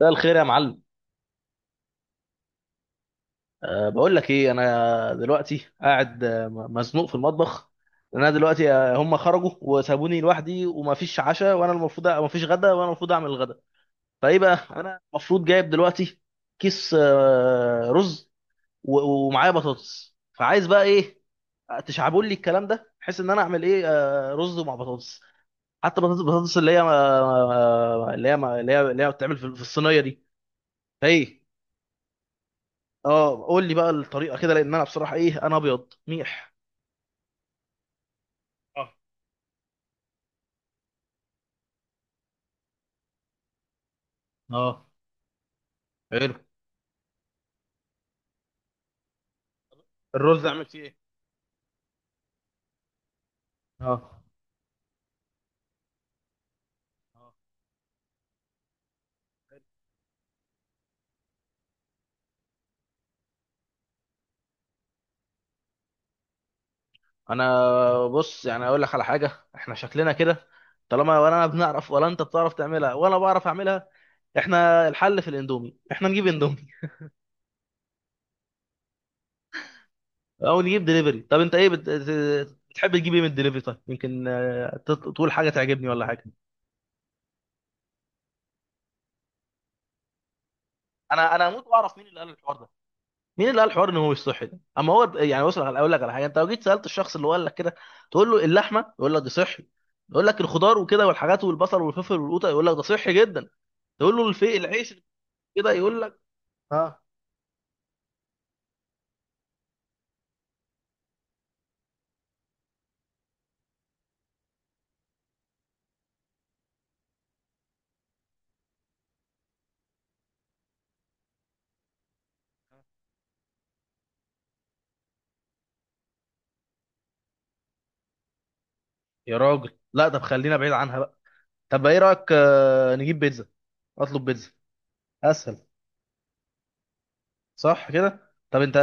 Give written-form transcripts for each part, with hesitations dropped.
مساء الخير يا معلم. أه بقول لك ايه، انا دلوقتي قاعد مزنوق في المطبخ. لأن انا دلوقتي هم خرجوا وسابوني لوحدي، ومفيش عشاء، وانا المفروض مفيش غدا وانا المفروض اعمل الغدا. فايه بقى انا المفروض جايب دلوقتي؟ كيس رز، ومعايا بطاطس، فعايز بقى ايه؟ تشعبوا لي الكلام ده بحيث ان انا اعمل ايه. رز مع بطاطس، حتى بطاطس اللي هي اللي هي بتتعمل في الصينيه دي. فايه؟ اه، قول لي بقى الطريقه كده، لان انا بصراحه ايه، انا ابيض ميح. اه. اه. حلو. الرز اعمل فيه ايه؟ اه. اه. حلو. انا بص، يعني اقول لك على حاجه، احنا شكلنا كده طالما ولا انا بنعرف ولا انت بتعرف تعملها ولا بعرف اعملها. احنا الحل في الاندومي، احنا نجيب اندومي. او نجيب دليفري. طب انت ايه بت...؟ بتحب تجيب ايه من الدليفري؟ طيب يمكن تقول حاجه تعجبني ولا حاجه. انا هموت واعرف مين اللي قال الحوار ده. مين اللي قال الحوار ان هو مش صحي ده؟ اما هو يعني بص على- اقول لك على حاجه: انت لو جيت سالت الشخص اللي هو قال لك كده، تقول له اللحمه، يقول لك دي صحي. يقول لك الخضار وكده والحاجات والبصل والفلفل والقوطه، يقول لك ده صحي جدا. تقول له الفي العيش كده، يقول لك اه. يا راجل لا، طب خلينا بعيد عنها بقى. طب ايه رايك، نجيب بيتزا؟ اطلب بيتزا، اسهل. صح كده؟ طب انت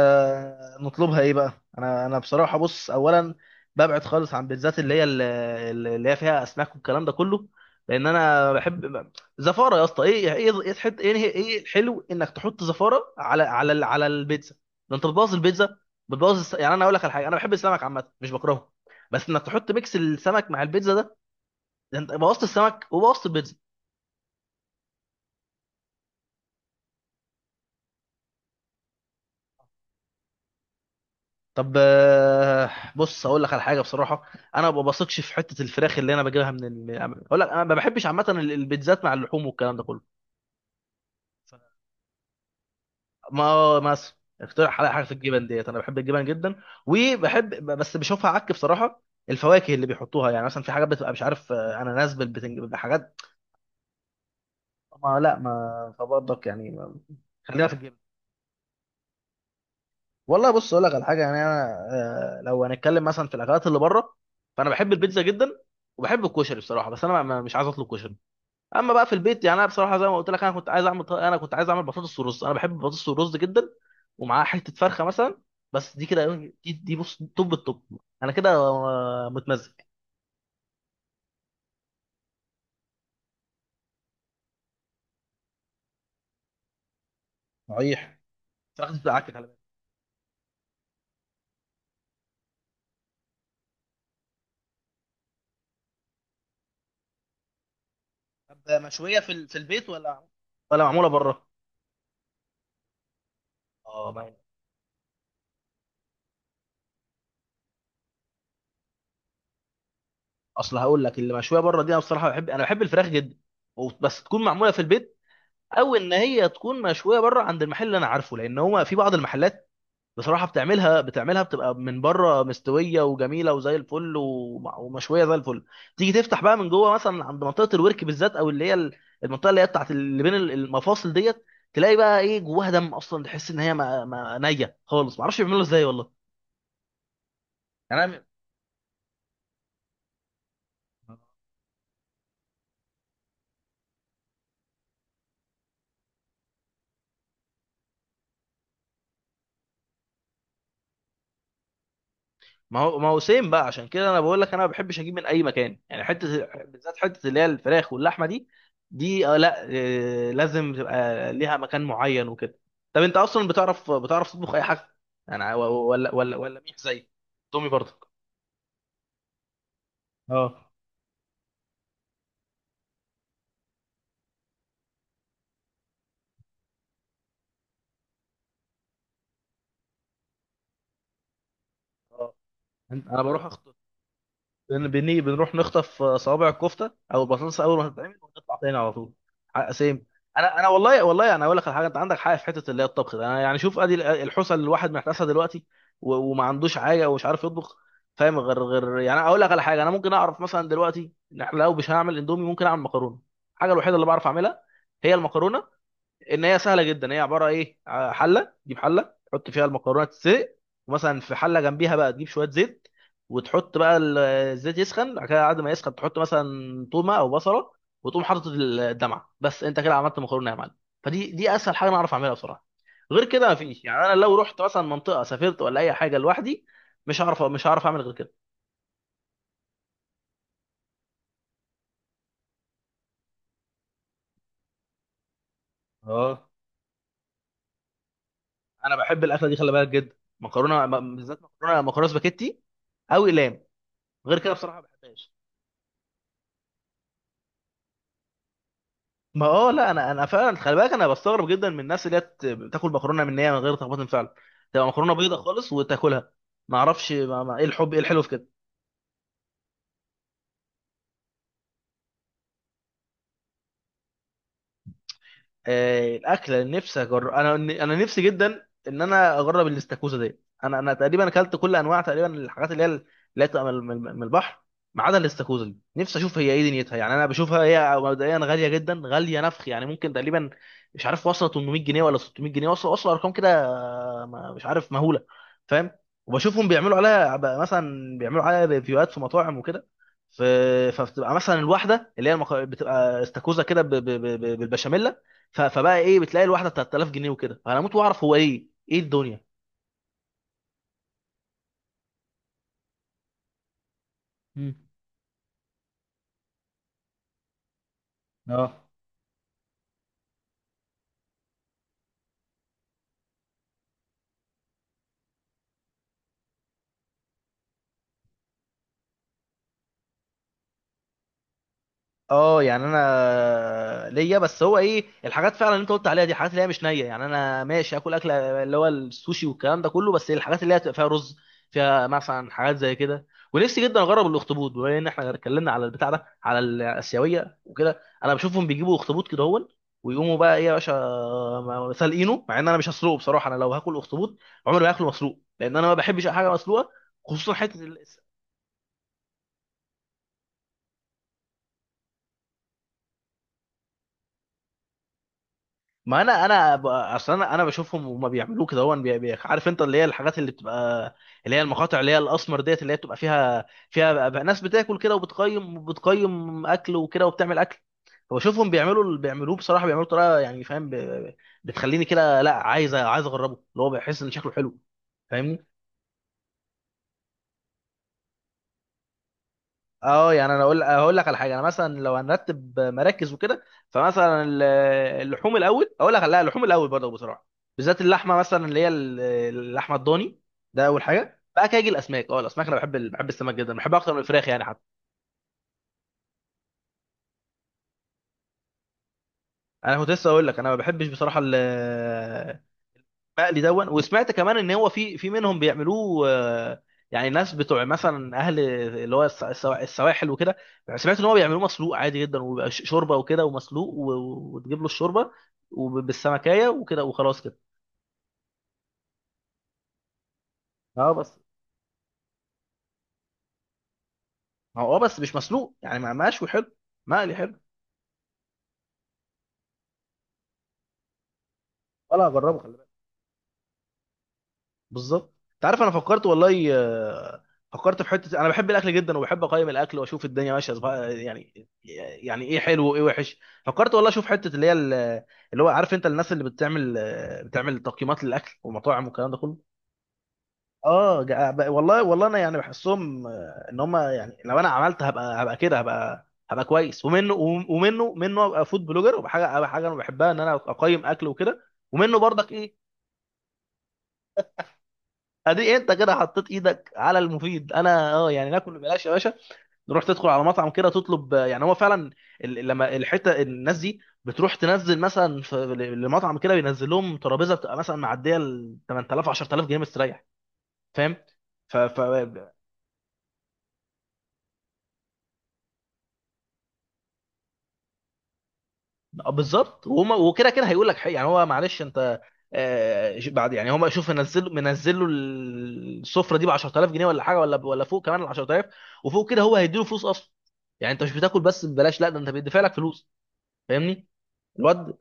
نطلبها ايه بقى؟ انا بصراحه بص، اولا ببعد خالص عن بيتزات اللي هي اللي هي فيها اسماك والكلام ده كله، لان انا بحب زفاره يا اسطى؟ ايه ايه ايه تحط ايه؟ ايه الحلو انك تحط زفاره على على البيتزا؟ ده انت بتبوظ البيتزا. بتبوظ الس... يعني انا اقول لك على حاجه، انا بحب السمك عامه، مش بكرهه، بس انك تحط ميكس السمك مع البيتزا ده، ده انت بوظت السمك وبوظت البيتزا. طب بص اقول لك على حاجه بصراحه، انا ما بثقش في حته الفراخ اللي انا بجيبها من ال... اقول لك انا ما بحبش عامه البيتزات مع اللحوم والكلام ده كله. ما مثلا اقترح عليا حاجه في الجبن ديت، انا بحب الجبن جدا، وبحب بس بشوفها عك بصراحه الفواكه اللي بيحطوها، يعني مثلا في حاجات بتبقى مش عارف اناناس بالبتنج بحاجات. ما لا ما فبرضك يعني خلينا في الجبن. والله بص اقول لك على حاجه، يعني انا لو هنتكلم مثلا في الاكلات اللي بره، فانا بحب البيتزا جدا، وبحب الكشري بصراحه، بس انا مش عايز اطلب كشري. اما بقى في البيت، يعني انا بصراحه زي ما قلت لك، انا كنت عايز اعمل انا كنت عايز اعمل بطاطس ورز، انا بحب البطاطس والرز جدا، ومعاها حته فرخه مثلا. بس دي كده، دي بص توب التوب. انا كده متمزج. صحيح. فراخ دي بتبقى عك، خلي بالك. طب مشويه في البيت، ولا ولا معموله بره؟ اه، ما- اصل هقول لك اللي مشويه بره دي، انا بصراحه بحب، انا بحب الفراخ جدا، بس تكون معموله في البيت، او ان هي تكون مشويه بره عند المحل اللي انا عارفه. لان هو في بعض المحلات بصراحه بتعملها بتبقى من بره مستويه وجميله وزي الفل، ومشويه زي الفل. تيجي تفتح بقى من جوه مثلا عند منطقه الورك بالذات، او اللي هي المنطقه اللي هي بتاعت اللي بين المفاصل ديت، تلاقي بقى ايه، جواها دم اصلا. تحس ان هي ما نيه خالص. معرفش بيعملوا ازاي والله. يعني انا. ما هو سيم بقى، عشان كده انا بقول لك انا ما بحبش اجيب من اي مكان، يعني حته بالذات حته اللي هي الفراخ واللحمه دي. دي آه لا، آه لازم تبقى ليها مكان معين وكده. طب انت اصلا بتعرف تطبخ اي حاجه؟ انا ولا ميح زي تومي برضك؟ اه. اه. انت انا بروح أخت... بني بنروح نخطف صوابع الكفته او البطاطس اول ما تتعمل ونطلع تاني على طول. سيم. انا والله، والله انا اقول لك على حاجه، انت عندك حاجه في حته اللي هي الطبخ ده. انا يعني شوف، ادي الحوسه اللي الواحد محتاسها دلوقتي، وما عندوش حاجه ومش عارف يطبخ. فاهم؟ غير يعني اقول لك على حاجه، انا ممكن اعرف مثلا دلوقتي إن إحنا لو مش هعمل اندومي، ممكن اعمل مكرونه. الحاجه الوحيده اللي بعرف اعملها هي المكرونه. ان هي سهله جدا، هي عباره ايه حله، تجيب حله تحط فيها المكرونه تتسلق، ومثلا في حله جنبيها بقى تجيب شويه زيت، وتحط بقى الزيت يسخن، بعد كده بعد ما يسخن تحط مثلا تومه او بصله، وتقوم حاطط الدمعه، بس انت كده عملت مكرونه يا معلم. فدي اسهل حاجه انا اعرف اعملها بصراحه، غير كده مفيش. يعني انا لو رحت مثلا منطقه، سافرت ولا اي حاجه لوحدي، مش هعرف اعمل غير كده. اه، انا بحب الاكله دي، خلي بالك، جدا. مكرونه بالذات مكرونه سباكيتي او اقلام. غير كده بصراحه ما بحبهاش. ما اه لا، انا فعلا خلي بالك، انا بستغرب جدا من الناس اللي هي بتاكل مكرونه من نيه، من غير تخبط فعلا، تبقى مكرونه بيضه خالص وتاكلها. ما اعرفش ايه الحب ايه الحلو في كده. الاكله اللي نفسي اجرب، انا نفسي جدا ان انا اجرب الاستاكوزا دي. انا تقريبا اكلت كل انواع تقريبا الحاجات اللي هي اللي هي بتبقى من البحر، ما عدا الاستاكوزا دي. نفسي اشوف هي ايه دنيتها. يعني انا بشوفها هي مبدئيا غاليه جدا، غاليه نفخ، يعني ممكن تقريبا مش عارف واصله 800 جنيه ولا 600 جنيه، واصله واصله ارقام كده مش عارف مهوله. فاهم؟ وبشوفهم بيعملوا عليها بقى مثلا، بيعملوا عليها ريفيوهات في مطاعم وكده. ف- فبتبقى مثلا الواحده اللي هي المك... بتبقى استاكوزا كده بالبشاميل. فبقى ايه، بتلاقي الواحده 3000 جنيه وكده. انا اموت واعرف هو ايه ايه الدنيا. مم. اه. اه يعني انا ليا، بس هو ايه الحاجات فعلا اللي انت قلت عليها دي، حاجات اللي هي مش نيه. يعني انا ماشي اكل اكله اللي هو السوشي والكلام ده كله، بس الحاجات اللي هي تبقى فيها رز، فيها مثلا حاجات زي كده. ونفسي جدا اجرب الاخطبوط، بما ان احنا اتكلمنا على البتاع ده على الاسيويه وكده. انا بشوفهم بيجيبوا اخطبوط كده هون، ويقوموا بقى ايه يا باشا، سالقينه. مع ان انا مش هسلقه بصراحه، انا لو هاكل اخطبوط، عمري ما هاكله مسلوق، لان انا ما بحبش اي حاجه مسلوقه، خصوصا حته. ما انا انا ب- اصلا انا انا بشوفهم وما بيعملوه كده، هو عارف انت اللي هي الحاجات اللي بتبقى اللي هي المقاطع اللي هي الاسمر ديت، اللي هي بتبقى فيها، فيها بقى ناس بتاكل كده وبتقيم بتقيم اكل وكده وبتعمل اكل. فبشوفهم بيعملوا اللي بيعملوه بصراحه، بيعملوا طريقه يعني، فاهم، بتخليني كده لا، عايز، عايز اجربه، اللي هو بحس ان شكله حلو. اه يعني انا اقول، هقول لك على حاجه، انا مثلا لو هنرتب مراكز وكده، فمثلا اللحوم الاول، اقول لك لا، اللحوم الاول برضه بصراحه، بالذات اللحمه مثلا اللي هي اللحمه الضاني. ده اول حاجه. بقى كده يجي الاسماك. اه الاسماك انا بحب بحب السمك جدا، بحبها اكتر من الفراخ يعني حتى. انا كنت لسه اقول لك انا ما بحبش بصراحه مقلي دون. وسمعت كمان ان هو في في منهم بيعملوه يعني ناس بتوع مثلا اهل اللي هو السواحل وكده، سمعت ان هو بيعملوه مسلوق عادي جدا، وبيبقى شوربه وكده ومسلوق، وتجيب له الشوربه وبالسمكيه وكده وخلاص كده. اه بس، هو اه بس مش مسلوق، يعني مع، مشوي حلو، مقلي حلو. ولا هجربه، خلي بالك. بالظبط. انت عارف، انا فكرت والله، فكرت في حته، انا بحب الاكل جدا وبحب اقيم الاكل واشوف الدنيا ماشيه يعني، يعني ايه حلو وايه وحش. فكرت والله اشوف حته اللي هي اللي هو عارف انت الناس اللي بتعمل بتعمل تقييمات للاكل والمطاعم والكلام ده كله. اه، والله، والله انا يعني بحسهم ان هم يعني لو انا عملت، هبقى هبقى كده هبقى هبقى كويس. ومنه، ومنه ابقى فود بلوجر وبحاجه، أبقى حاجه انا بحبها ان انا اقيم اكل وكده. ومنه برضك ايه. ادي انت كده حطيت ايدك على المفيد. انا اه، يعني ناكل ببلاش يا باشا. نروح تدخل على مطعم كده تطلب، يعني هو فعلا لما الحته الناس دي بتروح تنزل مثلا في المطعم كده، بينزل لهم ترابيزه بتبقى مثلا معديه ال 8000 10000 جنيه مستريح. فاهم؟ ف بالظبط. وهما وكده كده هيقول لك حق يعني، هو معلش انت، بعد يعني هما شوف، منزل له السفره دي ب 10000 جنيه ولا حاجه، ولا ولا فوق كمان ال 10000، وفوق كده هو هيديله فلوس اصلا. يعني انت مش بتاكل بس ببلاش، لا ده انت بيدفع لك فلوس. فاهمني الواد.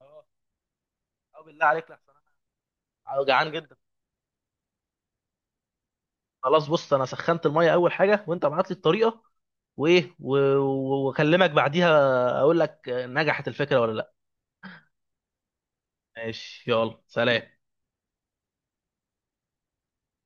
اه. بالله عليك لا، أنا جعان جدا. خلاص بص، انا سخنت الميه اول حاجه، وانت ابعت لي الطريقه، وايه واكلمك بعديها اقول لك نجحت الفكره ولا لا. ماشي، يلا سلام.